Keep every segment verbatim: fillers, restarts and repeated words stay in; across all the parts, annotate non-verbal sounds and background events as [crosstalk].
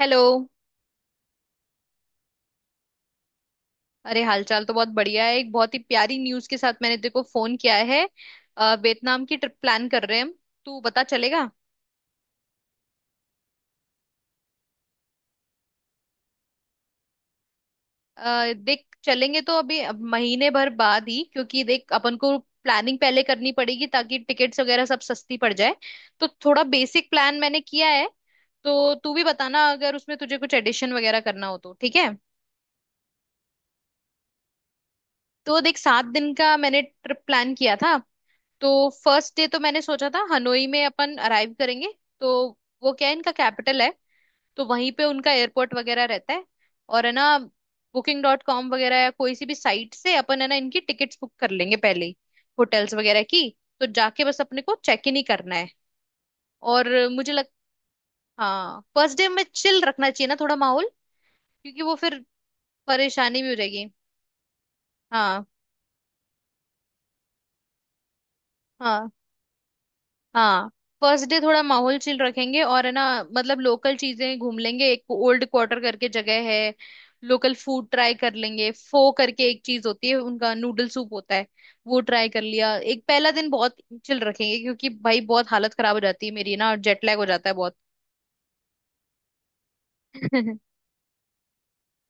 Hello. अरे हालचाल तो बहुत बढ़िया है। एक बहुत ही प्यारी न्यूज़ के साथ मैंने तेरे को फोन किया है। अ, वियतनाम की ट्रिप प्लान कर रहे हैं हम। तू बता, चलेगा? अ, देख, चलेंगे तो अभी, अब महीने भर बाद ही, क्योंकि देख अपन को प्लानिंग पहले करनी पड़ेगी ताकि टिकट्स वगैरह सब सस्ती पड़ जाए। तो थोड़ा बेसिक प्लान मैंने किया है। तो तू भी बताना, अगर उसमें तुझे कुछ एडिशन वगैरह करना हो तो। ठीक है, तो देख, सात दिन का मैंने ट्रिप प्लान किया था। तो फर्स्ट डे तो मैंने सोचा था हनोई में अपन अराइव करेंगे। तो वो क्या है, इनका कैपिटल है। तो वहीं पे उनका एयरपोर्ट वगैरह रहता है और है ना, बुकिंग डॉट कॉम वगैरह या कोई सी भी साइट से अपन है ना, इनकी टिकट्स बुक कर लेंगे पहले ही, होटल्स वगैरह की। तो जाके बस अपने को चेक इन ही करना है। और मुझे लग, हाँ फर्स्ट डे में चिल रखना चाहिए ना थोड़ा माहौल, क्योंकि वो फिर परेशानी भी हो जाएगी। हाँ, हाँ, हाँ, फर्स्ट डे थोड़ा माहौल चिल रखेंगे, और है ना, मतलब लोकल चीजें घूम लेंगे। एक ओल्ड क्वार्टर करके जगह है। लोकल फूड ट्राई कर लेंगे, फो करके एक चीज होती है, उनका नूडल सूप होता है, वो ट्राई कर लिया। एक पहला दिन बहुत चिल रखेंगे क्योंकि भाई बहुत हालत खराब हो जाती है मेरी ना, जेट लैग हो जाता है बहुत। [laughs]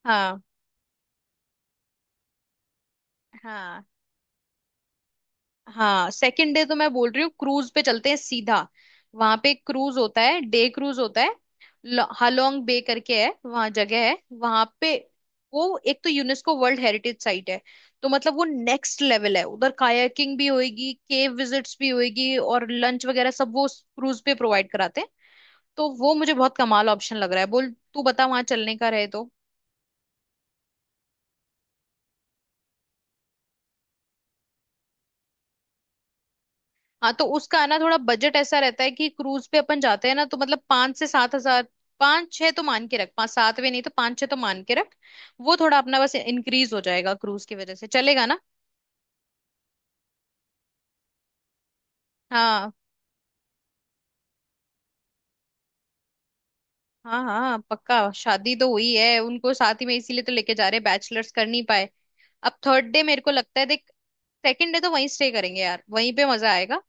हाँ, हाँ। हाँ सेकंड डे तो मैं बोल रही हूँ क्रूज पे चलते हैं सीधा। वहां पे एक क्रूज होता है, डे क्रूज होता है। ल- हालोंग बे करके है, वहां जगह है। वहां पे वो एक तो यूनेस्को वर्ल्ड हेरिटेज साइट है। तो मतलब वो नेक्स्ट लेवल है। उधर कायाकिंग भी होएगी, केव विजिट्स भी होएगी, और लंच वगैरह सब वो क्रूज पे प्रोवाइड कराते हैं। तो वो मुझे बहुत कमाल ऑप्शन लग रहा है। बोल तू, बता वहां चलने का रहे तो। हाँ, तो उसका ना थोड़ा बजट ऐसा रहता है कि क्रूज पे अपन जाते हैं ना तो मतलब पांच से सात हजार। पांच छह तो मान के रख, पांच सात भी नहीं तो पांच छह तो मान के रख। वो थोड़ा अपना बस इंक्रीज हो जाएगा क्रूज की वजह से, चलेगा ना? हाँ, हाँ, हाँ पक्का। शादी तो हुई है उनको साथ ही में, इसीलिए तो लेके जा रहे हैं, बैचलर्स कर नहीं पाए। अब थर्ड डे मेरे को लगता है देख, सेकंड डे तो वहीं स्टे करेंगे यार, वहीं पे मजा आएगा।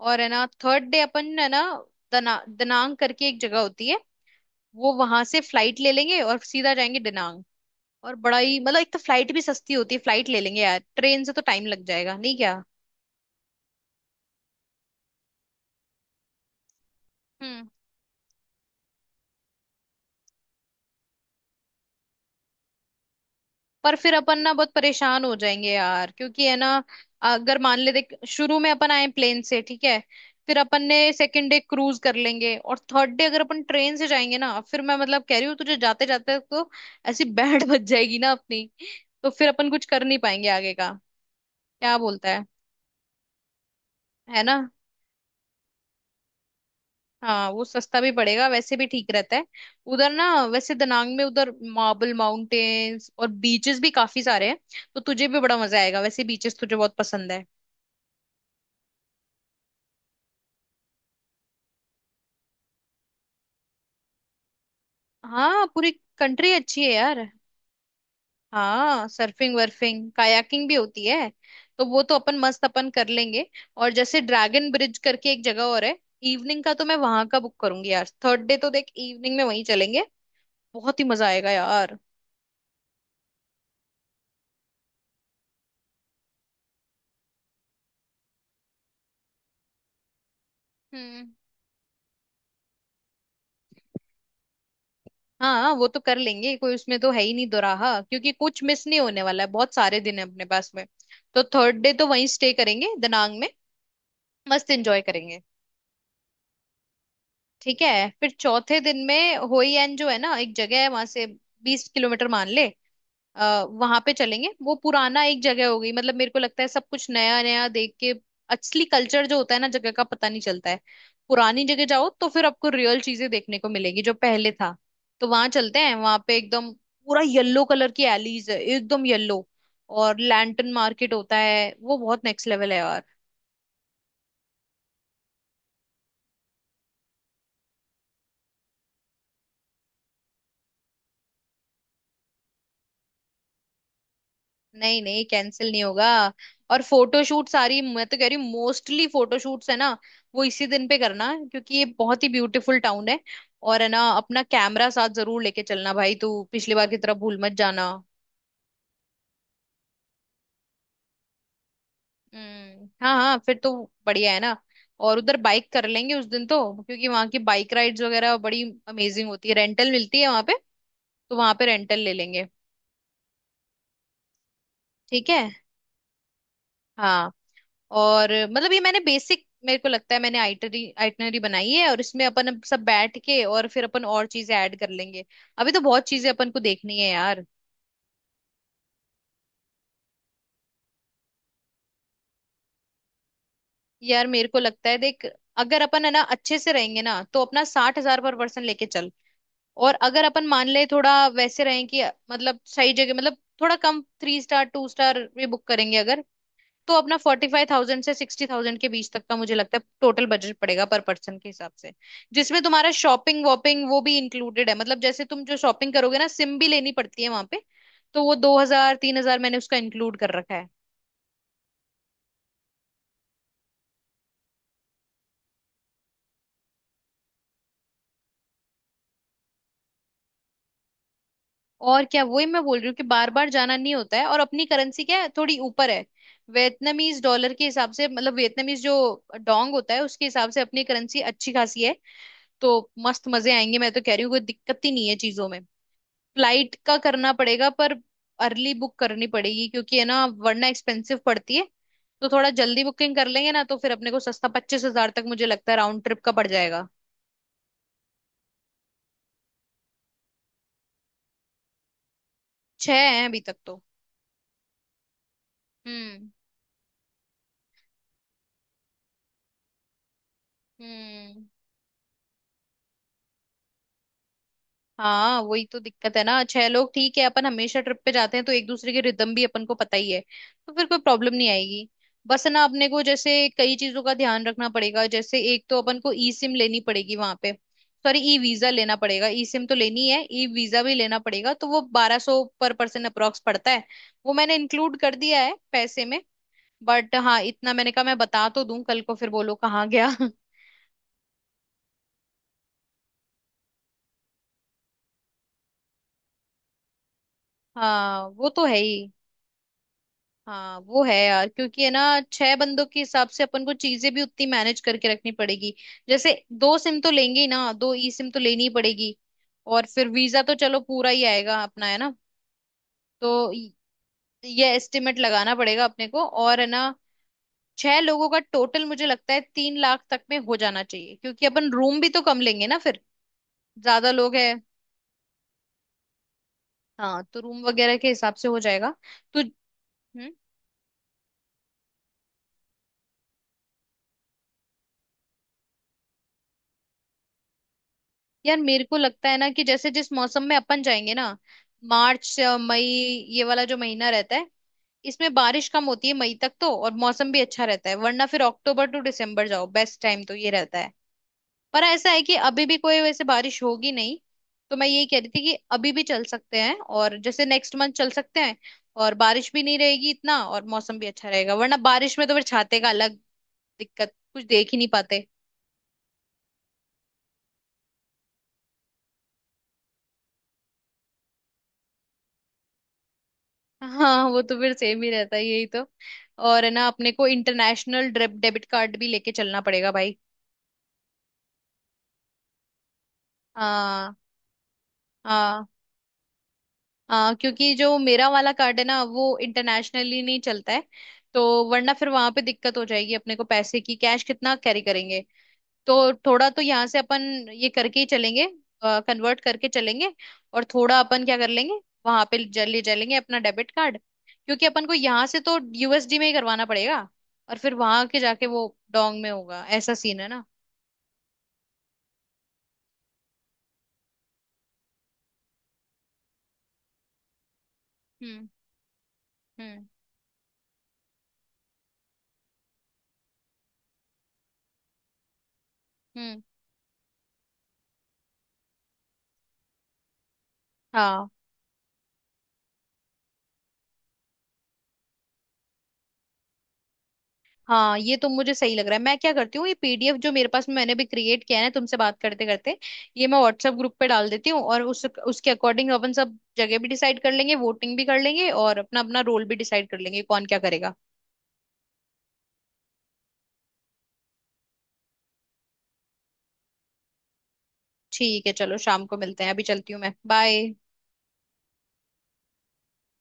और है ना थर्ड डे अपन है ना, दना दनांग करके एक जगह होती है। वो वहां से फ्लाइट ले लेंगे और सीधा जाएंगे दनांग। और बड़ा ही मतलब, एक तो फ्लाइट भी सस्ती होती है, फ्लाइट ले लेंगे यार, ट्रेन से तो टाइम लग जाएगा नहीं क्या? हम्म, पर फिर अपन ना बहुत परेशान हो जाएंगे यार, क्योंकि है ना, अगर मान ले, देख शुरू में अपन आए प्लेन से, ठीक है, फिर अपन ने सेकंड डे क्रूज कर लेंगे, और थर्ड डे अगर अपन ट्रेन से जाएंगे ना, फिर मैं मतलब कह रही हूँ तुझे, जाते जाते तो ऐसी बैंड बज जाएगी ना अपनी, तो फिर अपन कुछ कर नहीं पाएंगे आगे का। क्या बोलता है? है ना। हाँ वो सस्ता भी पड़ेगा, वैसे भी ठीक रहता है उधर ना। वैसे दनांग में उधर मार्बल माउंटेन्स और बीचेस भी काफी सारे हैं। तो तुझे भी बड़ा मजा आएगा, वैसे बीचेस तुझे बहुत पसंद है। हाँ पूरी कंट्री अच्छी है यार। हाँ सर्फिंग वर्फिंग कायाकिंग भी होती है। तो वो तो अपन मस्त, अपन कर लेंगे। और जैसे ड्रैगन ब्रिज करके एक जगह और है। इवनिंग का तो मैं वहां का बुक करूंगी यार, थर्ड डे तो देख इवनिंग में वहीं चलेंगे, बहुत ही मजा आएगा यार। हम्म, हाँ वो तो कर लेंगे, कोई उसमें तो है ही नहीं दोराहा, क्योंकि कुछ मिस नहीं होने वाला है, बहुत सारे दिन है अपने पास में। तो थर्ड डे तो वहीं स्टे करेंगे दनांग में, मस्त एंजॉय करेंगे। ठीक है, फिर चौथे दिन में होई एन जो है ना एक जगह है, वहां से बीस किलोमीटर मान ले, वहां पे चलेंगे। वो पुराना एक जगह हो गई, मतलब मेरे को लगता है सब कुछ नया नया देख के असली कल्चर जो होता है ना जगह का, पता नहीं चलता है। पुरानी जगह जाओ तो फिर आपको रियल चीजें देखने को मिलेगी, जो पहले था। तो वहां चलते हैं, वहां पे एकदम पूरा येलो कलर की एलीज है, एकदम येलो। और लैंटन मार्केट होता है, वो बहुत नेक्स्ट लेवल है यार। नहीं, नहीं, कैंसिल नहीं होगा। और फोटोशूट सारी मैं तो कह रही हूँ मोस्टली फोटोशूट्स है ना वो इसी दिन पे करना, क्योंकि ये बहुत ही ब्यूटीफुल टाउन है। और है ना अपना कैमरा साथ जरूर लेके चलना भाई, तू पिछली बार की तरह भूल मत जाना। हम्म, हाँ, हाँ फिर तो बढ़िया है ना। और उधर बाइक कर लेंगे उस दिन तो, क्योंकि वहाँ की बाइक राइड्स वगैरह बड़ी अमेजिंग होती है, रेंटल मिलती है वहाँ पे, तो वहाँ पे रेंटल ले लेंगे। ठीक है। हाँ और मतलब ये मैंने बेसिक, मेरे को लगता है मैंने आइटरी आइटनरी बनाई है, और इसमें अपन अब सब बैठ के और फिर अपन और चीजें ऐड कर लेंगे। अभी तो बहुत चीजें अपन को देखनी है यार। यार मेरे को लगता है देख, अगर अपन है ना अच्छे से रहेंगे ना तो अपना साठ हजार पर पर्सन लेके चल। और अगर अपन मान ले थोड़ा वैसे रहें कि मतलब सही जगह, मतलब थोड़ा कम, थ्री स्टार टू स्टार भी बुक करेंगे अगर, तो अपना फोर्टी फाइव थाउजेंड से सिक्सटी थाउजेंड के बीच तक का मुझे लगता है टोटल बजट पड़ेगा पर पर्सन के हिसाब से, जिसमें तुम्हारा शॉपिंग वॉपिंग वो भी इंक्लूडेड है। मतलब जैसे तुम जो शॉपिंग करोगे ना, सिम भी लेनी पड़ती है वहां पे, तो वो दो हजार तीन हजार मैंने उसका इंक्लूड कर रखा है। और क्या, वही मैं बोल रही हूँ कि बार बार जाना नहीं होता है, और अपनी करेंसी क्या है थोड़ी ऊपर है। वियतनामीज डॉलर के हिसाब से, मतलब वियतनामीज जो डोंग होता है उसके हिसाब से अपनी करेंसी अच्छी खासी है। तो मस्त मजे आएंगे, मैं तो कह रही हूँ कोई दिक्कत ही नहीं है चीजों में। फ्लाइट का करना पड़ेगा पर, अर्ली बुक करनी पड़ेगी क्योंकि है ना वरना एक्सपेंसिव पड़ती है। तो थोड़ा जल्दी बुकिंग कर लेंगे ना तो फिर अपने को सस्ता, पच्चीस हजार तक मुझे लगता है राउंड ट्रिप का पड़ जाएगा। छह है अभी तक तो। हम्म, हम्म। हाँ वही तो दिक्कत है ना, छह लोग ठीक है, अपन हमेशा ट्रिप पे जाते हैं तो एक दूसरे की रिदम भी अपन को पता ही है, तो फिर कोई प्रॉब्लम नहीं आएगी। बस ना अपने को जैसे कई चीजों का ध्यान रखना पड़ेगा। जैसे एक तो अपन को ई सिम लेनी पड़ेगी वहां पे, सॉरी ई वीजा लेना पड़ेगा। ई सिम तो लेनी है, ई वीजा भी लेना पड़ेगा, तो वो बारह सौ पर पर्सन अप्रोक्स पड़ता है। वो मैंने इंक्लूड कर दिया है पैसे में। बट हाँ इतना मैंने कहा, मैं बता तो दूं, कल को फिर बोलो कहाँ गया। [laughs] हाँ वो तो है ही। हाँ वो है यार, क्योंकि है ना छह बंदों के हिसाब से अपन को चीजें भी उतनी मैनेज करके रखनी पड़ेगी। जैसे, दो सिम तो लेंगे ही ना, दो ई सिम तो लेनी ही पड़ेगी। और फिर वीजा तो चलो पूरा ही आएगा अपना, है ना, तो य- ये एस्टिमेट लगाना पड़ेगा अपने को। और है ना छह लोगों का टोटल मुझे लगता है तीन लाख तक में हो जाना चाहिए, क्योंकि अपन रूम भी तो कम लेंगे ना फिर, ज्यादा लोग है। हाँ तो रूम वगैरह के हिसाब से हो जाएगा तो। हम्म, यार मेरे को लगता है ना कि जैसे जिस मौसम में अपन जाएंगे ना, मार्च से मई ये वाला जो महीना रहता है, इसमें बारिश कम होती है मई तक तो, और मौसम भी अच्छा रहता है। वरना फिर अक्टूबर टू दिसंबर जाओ, बेस्ट टाइम तो ये रहता है। पर ऐसा है कि अभी भी कोई वैसे बारिश होगी नहीं, तो मैं यही कह रही थी कि अभी भी चल सकते हैं, और जैसे नेक्स्ट मंथ चल सकते हैं और बारिश भी नहीं रहेगी इतना, और मौसम भी अच्छा रहेगा। वरना बारिश में तो फिर छाते का अलग दिक्कत, कुछ देख ही नहीं पाते। हाँ वो तो फिर सेम ही रहता है, यही तो। और है ना अपने को इंटरनेशनल डेबिट कार्ड भी लेके चलना पड़ेगा भाई। हाँ, हाँ। हाँ क्योंकि जो मेरा वाला कार्ड है ना वो इंटरनेशनली नहीं चलता है। तो वरना फिर वहां पे दिक्कत हो जाएगी, अपने को पैसे की, कैश कितना कैरी करेंगे, तो थोड़ा तो यहाँ से अपन ये करके ही चलेंगे, कन्वर्ट करके चलेंगे। और थोड़ा अपन क्या कर लेंगे, वहां पे जल ले चलेंगे अपना डेबिट कार्ड, क्योंकि अपन को यहाँ से तो यू एस डी में ही करवाना पड़ेगा, और फिर वहां के जाके वो डोंग में होगा, ऐसा सीन है ना। हम्म, हम्म, हम्म। हाँ, हाँ ये तो मुझे सही लग रहा है। मैं क्या करती हूँ, ये पी डी एफ जो मेरे पास मैंने भी क्रिएट किया है ना तुमसे बात करते करते, ये मैं व्हाट्सएप ग्रुप पे डाल देती हूँ, और उस उसके अकॉर्डिंग अपन सब जगह भी डिसाइड कर लेंगे, वोटिंग भी कर लेंगे, और अपना अपना रोल भी डिसाइड कर लेंगे कौन क्या करेगा। ठीक है, चलो शाम को मिलते हैं, अभी चलती हूँ मैं, बाय।